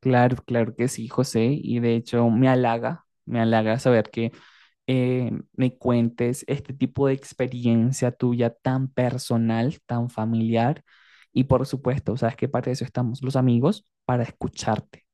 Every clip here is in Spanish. Claro, claro que sí, José, y de hecho me halaga saber que me cuentes este tipo de experiencia tuya tan personal, tan familiar, y por supuesto, sabes que para eso estamos los amigos, para escucharte.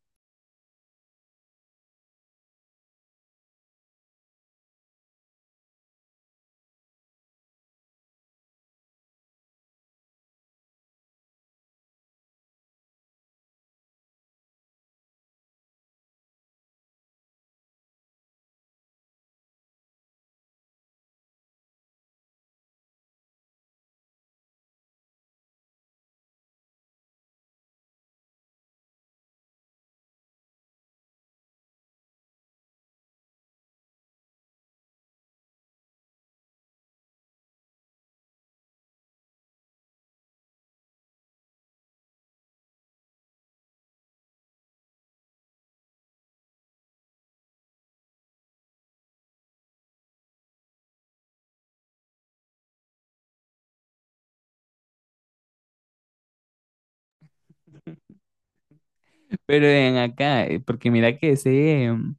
Pero ven acá, porque mira que ese,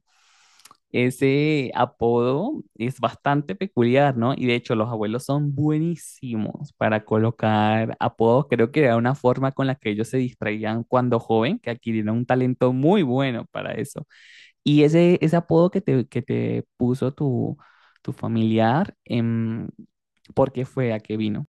ese apodo es bastante peculiar, ¿no? Y de hecho los abuelos son buenísimos para colocar apodos. Creo que era una forma con la que ellos se distraían cuando joven, que adquirieron un talento muy bueno para eso. Y ese apodo que te puso tu, tu familiar, ¿por qué fue? ¿A qué vino?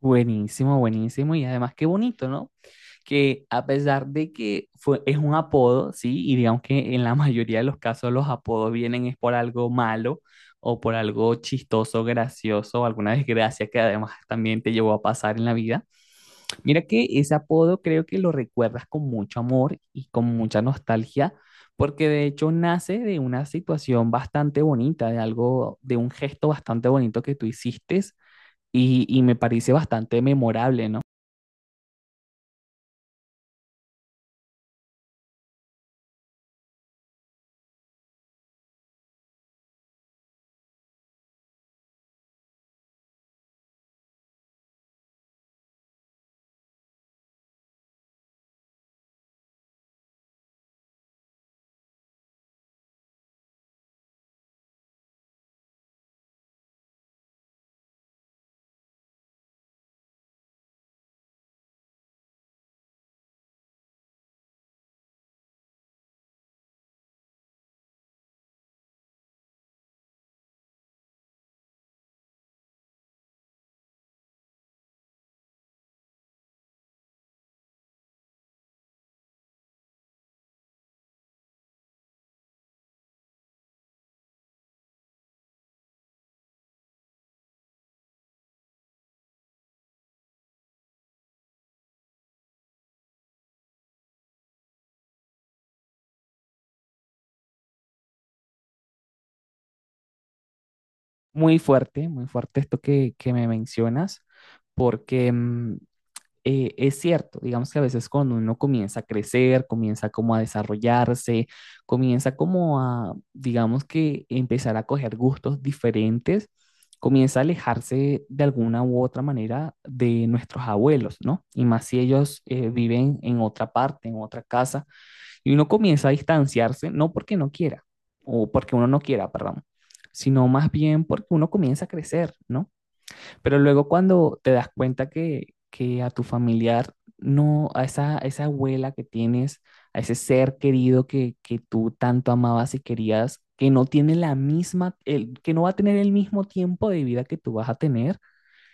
Buenísimo, buenísimo. Y además qué bonito, ¿no? Que a pesar de que fue, es un apodo, ¿sí? Y digamos que en la mayoría de los casos los apodos vienen es por algo malo o por algo chistoso, gracioso, o alguna desgracia que además también te llevó a pasar en la vida. Mira que ese apodo creo que lo recuerdas con mucho amor y con mucha nostalgia, porque de hecho nace de una situación bastante bonita, de algo, de un gesto bastante bonito que tú hiciste y me parece bastante memorable, ¿no? Muy fuerte esto que me mencionas, porque es cierto, digamos que a veces cuando uno comienza a crecer, comienza como a desarrollarse, comienza como a, digamos que empezar a coger gustos diferentes, comienza a alejarse de alguna u otra manera de nuestros abuelos, ¿no? Y más si ellos viven en otra parte, en otra casa y uno comienza a distanciarse, no porque no quiera, o porque uno no quiera, perdón, sino más bien porque uno comienza a crecer, ¿no? Pero luego cuando te das cuenta que a tu familiar, no, a esa abuela que tienes, a ese ser querido que tú tanto amabas y querías, que no tiene la misma, el, que no va a tener el mismo tiempo de vida que tú vas a tener,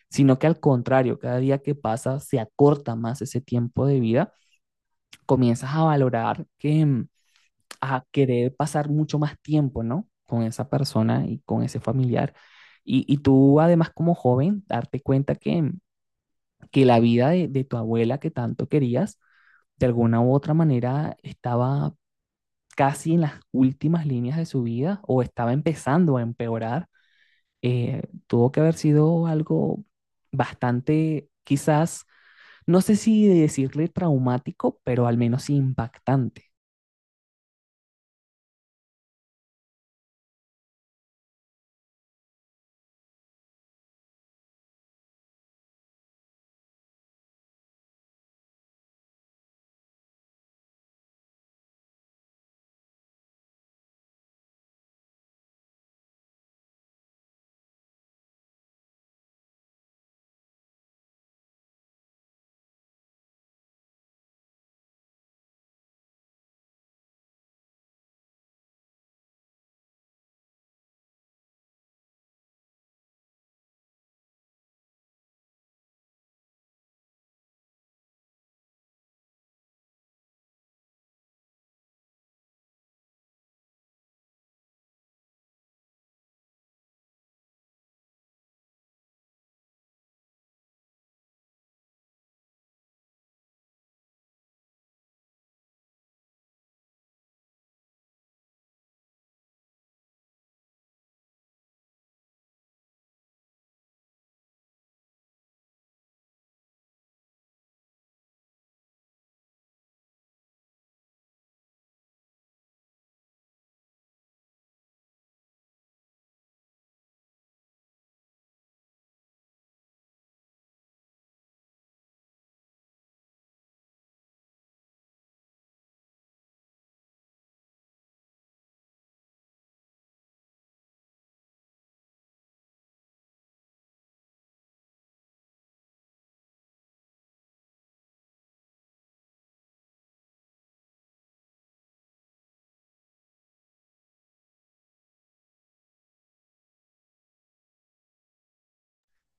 sino que al contrario, cada día que pasa se acorta más ese tiempo de vida, comienzas a valorar que, a querer pasar mucho más tiempo, ¿no? Con esa persona y con ese familiar. Y tú además como joven, darte cuenta que la vida de tu abuela que tanto querías, de alguna u otra manera estaba casi en las últimas líneas de su vida o estaba empezando a empeorar, tuvo que haber sido algo bastante, quizás, no sé si decirle traumático, pero al menos impactante.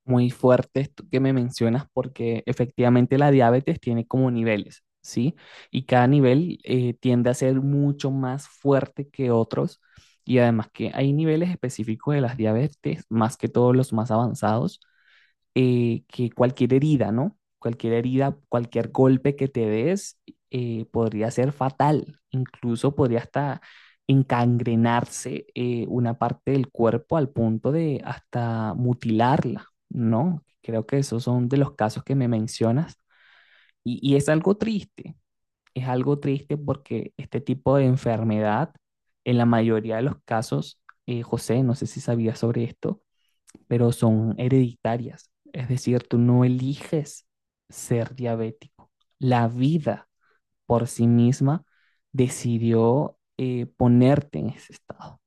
Muy fuerte esto que me mencionas porque efectivamente la diabetes tiene como niveles, ¿sí? Y cada nivel tiende a ser mucho más fuerte que otros y además que hay niveles específicos de las diabetes, más que todos los más avanzados, que cualquier herida, ¿no? Cualquier herida, cualquier golpe que te des podría ser fatal, incluso podría hasta encangrenarse una parte del cuerpo al punto de hasta mutilarla, ¿no? Creo que esos son de los casos que me mencionas y es algo triste porque este tipo de enfermedad, en la mayoría de los casos, José, no sé si sabías sobre esto, pero son hereditarias. Es decir, tú no eliges ser diabético. La vida por sí misma decidió ponerte en ese estado.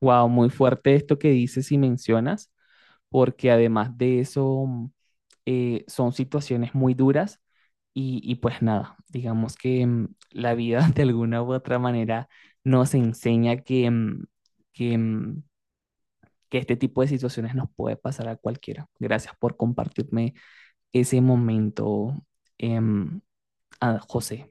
Wow, muy fuerte esto que dices y mencionas, porque además de eso son situaciones muy duras y pues nada, digamos que la vida de alguna u otra manera nos enseña que, que mm, que este tipo de situaciones nos puede pasar a cualquiera. Gracias por compartirme ese momento, eh, a José.